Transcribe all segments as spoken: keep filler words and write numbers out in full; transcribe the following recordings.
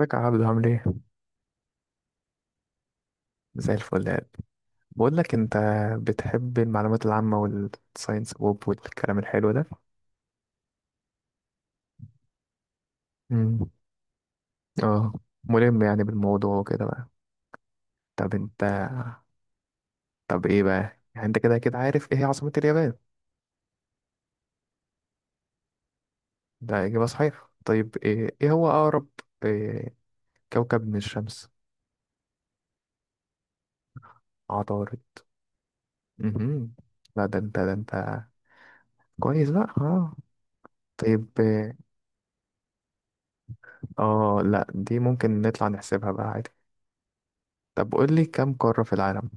ازيك يا عبدو عامل ايه؟ زي الفل يا قلبي. بقول لك انت، بتحب المعلومات العامة والساينس ووب والكلام الحلو ده؟ امم. اه. ملم يعني بالموضوع وكده بقى. طب انت طب ايه بقى؟ يعني انت كده كده عارف ايه هي عاصمة اليابان؟ ده إجابة صحيحة. طيب ايه ايه هو أقرب إيه كوكب من الشمس؟ عطارد. امم. لا ده انت ده انت كويس بقى، اه. طيب إيه، اه لا دي ممكن نطلع نحسبها بقى عادي. طب قول لي كم قارة في العالم؟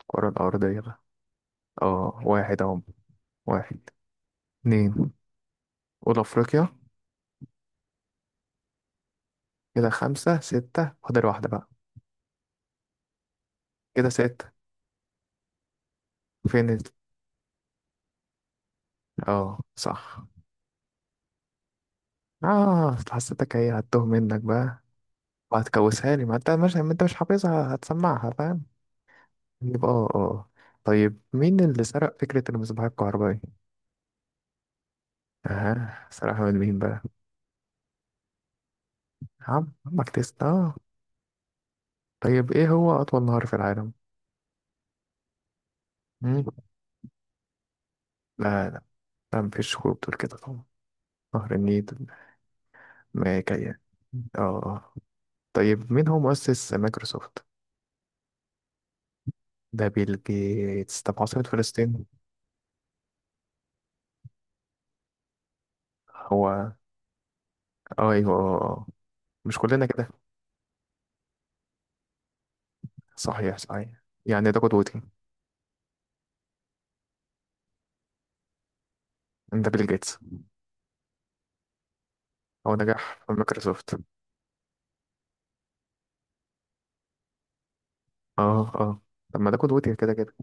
الكرة الأرضية بقى. اه واحد اهو. واحد، اتنين، أولى أفريقيا. كده خمسة ستة فاضل واحدة بقى. كده ستة. فين ال... اه صح. اه أصل حسيتك هي هتوه منك بقى، وهتكوسها لي، ما انت مش ما انت مش حافظها، هتسمعها فاهم؟ يبقى اه اه. طيب مين اللي سرق فكرة المصباح الكهربائي؟ اه سرقها من مين بقى؟ عم عمك تسلا، اه. طيب ايه هو أطول نهر في العالم؟ مم؟ لا، لا، لا مفيش خروج بتقول كده طبعا. نهر النيل. ماكايا. اه آه. طيب مين هو مؤسس مايكروسوفت؟ ده بيل جيتس. طب عاصمة فلسطين؟ هو اه ايوه آه، آه. مش كلنا كده. صحيح صحيح، يعني ده قدوتي. ده بيل جيتس. هو نجح في مايكروسوفت. اه اه. طب ما ده قدوتي كده كده.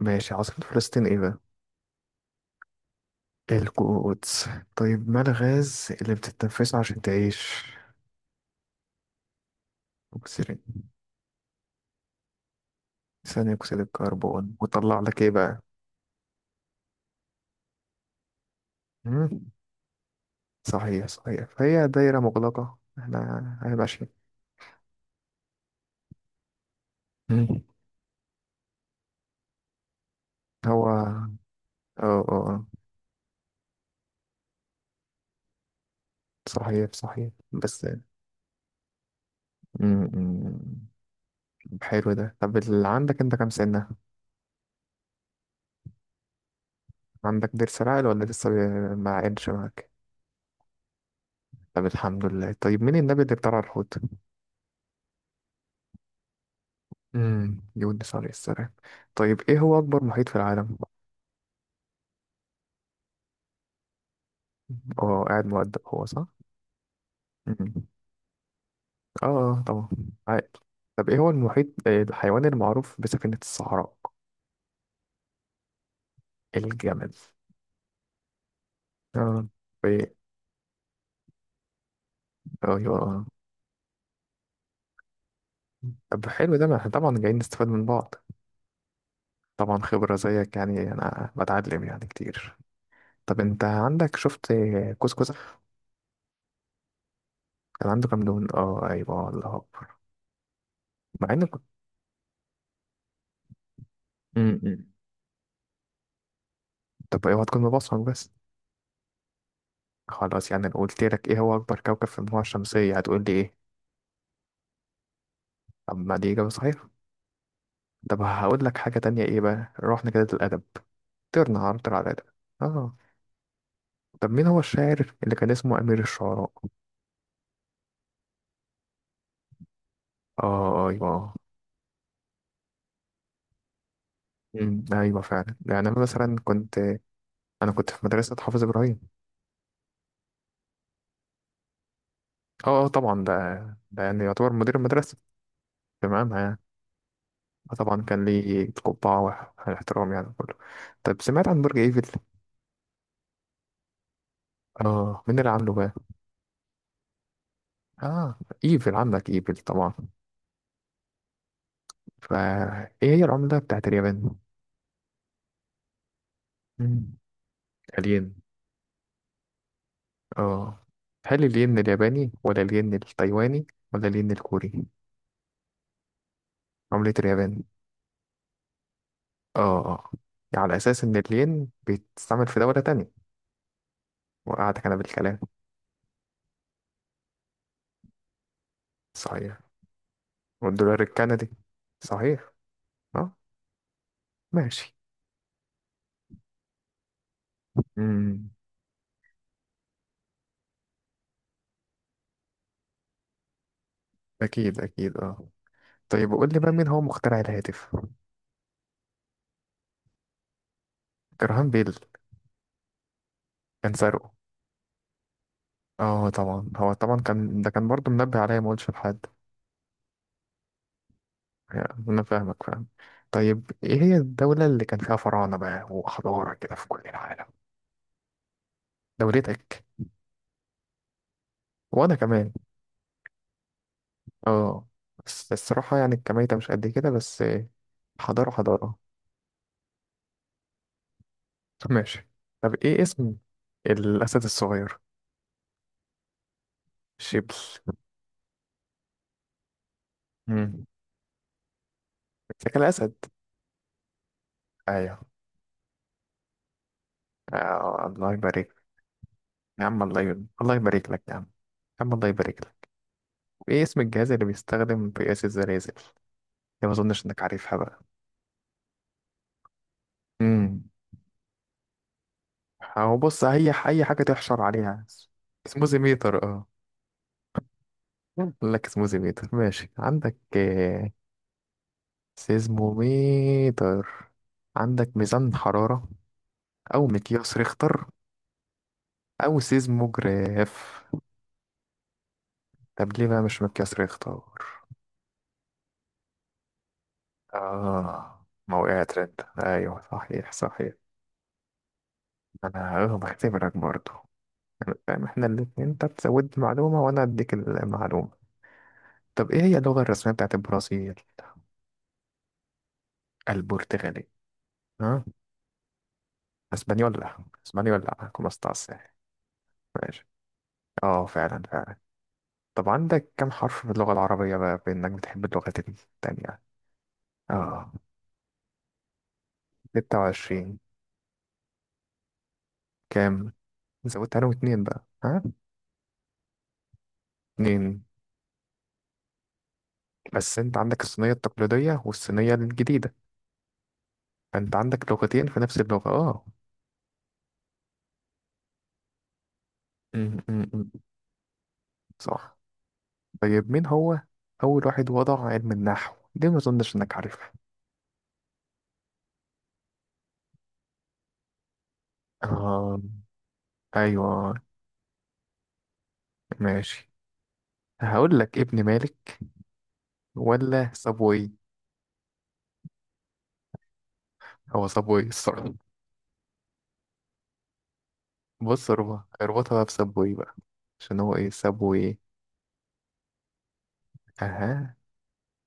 ماشي، عاصمة فلسطين ايه بقى؟ القدس. طيب ما الغاز اللي بتتنفسه عشان تعيش؟ اكسجين. ثاني اكسيد الكربون، وطلع لك ايه بقى؟ مم؟ صحيح صحيح، فهي دايرة مغلقة احنا احنا ماشيين. مم. هو اه. اه آه. صحيح صحيح، بس مم، مم. حلو ده. طب اللي عندك انت كام سنة؟ عندك ضرس العقل ولا لسه ب- ما عينش معاك؟ طب الحمد لله. طيب مين النبي اللي ابتلع الحوت؟ امم يونس عليه السلام. طيب ايه هو أكبر محيط في العالم؟ هو قاعد مؤدب هو، صح؟ مم. اه آه، طبعا. عاقل. طب ايه هو المحيط آه، الحيوان المعروف بسفينة الصحراء؟ الجمل. اه. طيب ايوه اه. طب حلو ده، ما احنا طبعا جايين نستفاد من بعض. طبعا خبرة زيك، يعني انا بتعلم يعني كتير. طب انت عندك شفت كوسكوس؟ كان عنده كام لون؟ اه ايوه، الله اكبر. مع ان كنت م-م. طب اوعى تكون مبصم بس. خلاص يعني لو قلت لك ايه هو اكبر كوكب في المجموعة الشمسية، هتقول لي ايه؟ طب ما دي اجابة صحيحة. طب هقول لك حاجة تانية، ايه بقى رحنا كده للادب. طيرنا عرض على الادب. اه. طب مين هو الشاعر اللي كان اسمه امير الشعراء؟ اه ايوه. مم. ايوه فعلا، يعني انا مثلا كنت انا كنت في مدرسه حافظ ابراهيم. اه اه طبعا، ده ده يعني يعتبر مدير المدرسه، تمام يعني. طبعا كان لي قبعه واحترام يعني كله. طب سمعت عن برج ايفل؟ اه مين اللي عامله بقى؟ اه ايفل. عندك ايفل طبعا. فايه هي العمله بتاعت اليابان؟ مم. الين. اه. هل الين الياباني ولا الين التايواني ولا الين الكوري؟ عمله اليابان. اه اه. على اساس ان الين بيتستعمل في دوله تانية. وقعتك أنا بالكلام. صحيح. والدولار الكندي. صحيح. أه ماشي. امم. أكيد أكيد، أه. طيب قول لي بقى مين هو مخترع الهاتف؟ جراهام بيل. كان سرقه. اه طبعا، هو طبعا كان، ده كان برضه منبه عليا ما اقولش لحد. يعني انا فاهمك، فاهم. طيب ايه هي الدولة اللي كان فيها فراعنة بقى وحضارة كده في كل العالم؟ دولتك. وانا كمان. اه بس الصراحة يعني الكمية مش قد كده بس. حضارة حضارة. طب ماشي. طب ايه اسم الأسد الصغير؟ شبل. مم. شكل أسد. أيوه. آه الله يبارك. يا عم الله يبارك. الله يبارك لك يا عم. يا عم الله يبارك لك. ايه اسم الجهاز اللي بيستخدم في قياس الزلازل؟ يا ما اظنش انك عارفها بقى. مم. هو بص، هي اي حاجه تحشر عليها. سموزي ميتر، اه. قال لك سموزي ميتر ماشي. عندك آه، سيزموميتر. عندك ميزان حراره، او مقياس ريختر، أو سيز مجرف. طب ليه بقى مش متكسر يختار؟ آه ما وقعت رد، أيوه صحيح صحيح. أنا أه بختبرك برضه. فاهم، إحنا الاتنين، أنت بتزود معلومة وأنا أديك المعلومة. طب إيه هي اللغة الرسمية بتاعت البرازيل؟ البرتغالي. ها. اسبانيولا. اسبانيولا. كما استاس. ماشي. اه فعلا فعلا. طب عندك كم حرف في اللغة العربية بقى، بإنك بتحب اللغات التانية؟ اه، ستة وعشرين. كام؟ زودت عليهم اتنين بقى، ها. اتنين. بس انت عندك الصينية التقليدية والصينية الجديدة، فانت عندك لغتين في نفس اللغة، اه. م- م- م. صح. طيب مين هو أول واحد وضع علم النحو؟ ليه ما أظنش إنك عارفه؟ آه. أيوه. ماشي. هقول لك ابن مالك، ولا سابوي؟ هو سابوي الصراحة. بص، اربط- اربطها بقى بسابوي بقى، عشان هو ايه سابوي. اها.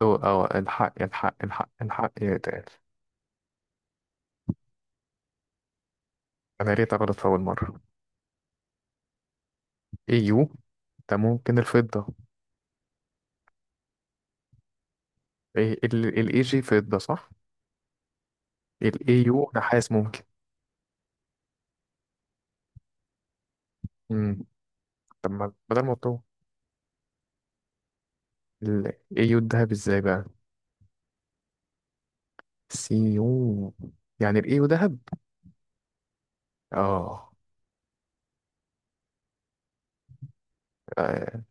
هو اه الحق الحق الحق الحق يا تقال. انا ليه غلط في اول مرة؟ يو. ده ممكن الفضة. إيه، ال جي فضة صح. ال يو نحاس ممكن. امم. طب ما بدل ما تطور. ال يو الذهب ازاي بقى؟ سي يو. يعني ال يو ذهب. اه. آه.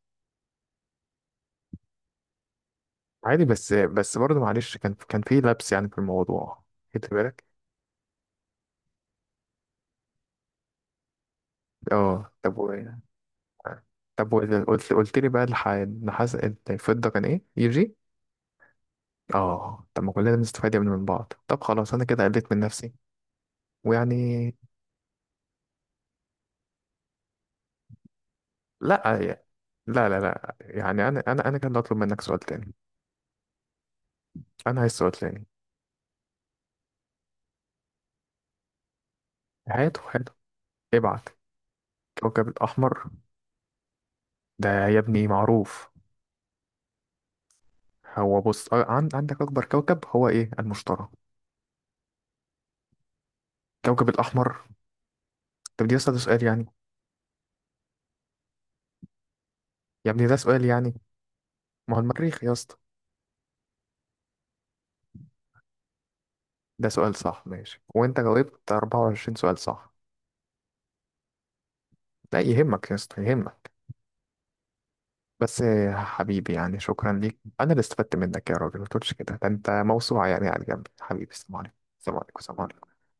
عادي، بس بس برضه معلش، كان كان في لبس يعني في الموضوع. خدت بالك. اه طب و... طب وإذا قلت قلت لي بقى الح... النحاس، الفضة كان ايه يجي؟ اه، طب ما كلنا بنستفاد يا ابني من بعض. طب خلاص انا كده قلت من نفسي. ويعني، لا لا لا لا، يعني انا انا انا كان اطلب منك سؤال تاني. انا عايز سؤال تاني. هاته هاته. ابعت. كوكب الاحمر. ده يا ابني معروف. هو بص آه، عن- عندك اكبر كوكب هو ايه؟ المشتري. كوكب الاحمر. طب دي اسال سؤال يعني. يا ابني ده سؤال يعني. ما هو المريخ يا اسطى. ده سؤال صح ماشي، وانت جاوبت أربعة وعشرين سؤال صح. لا يهمك يا اسطى، يهمك. بس آه، حبيبي يعني شكرا ليك، انا اللي استفدت منك يا راجل. ما تقولش كده، ده انت موسوعه يعني، على الجنب حبيبي. السلام عليكم، السلام عليكم، السلام عليكم.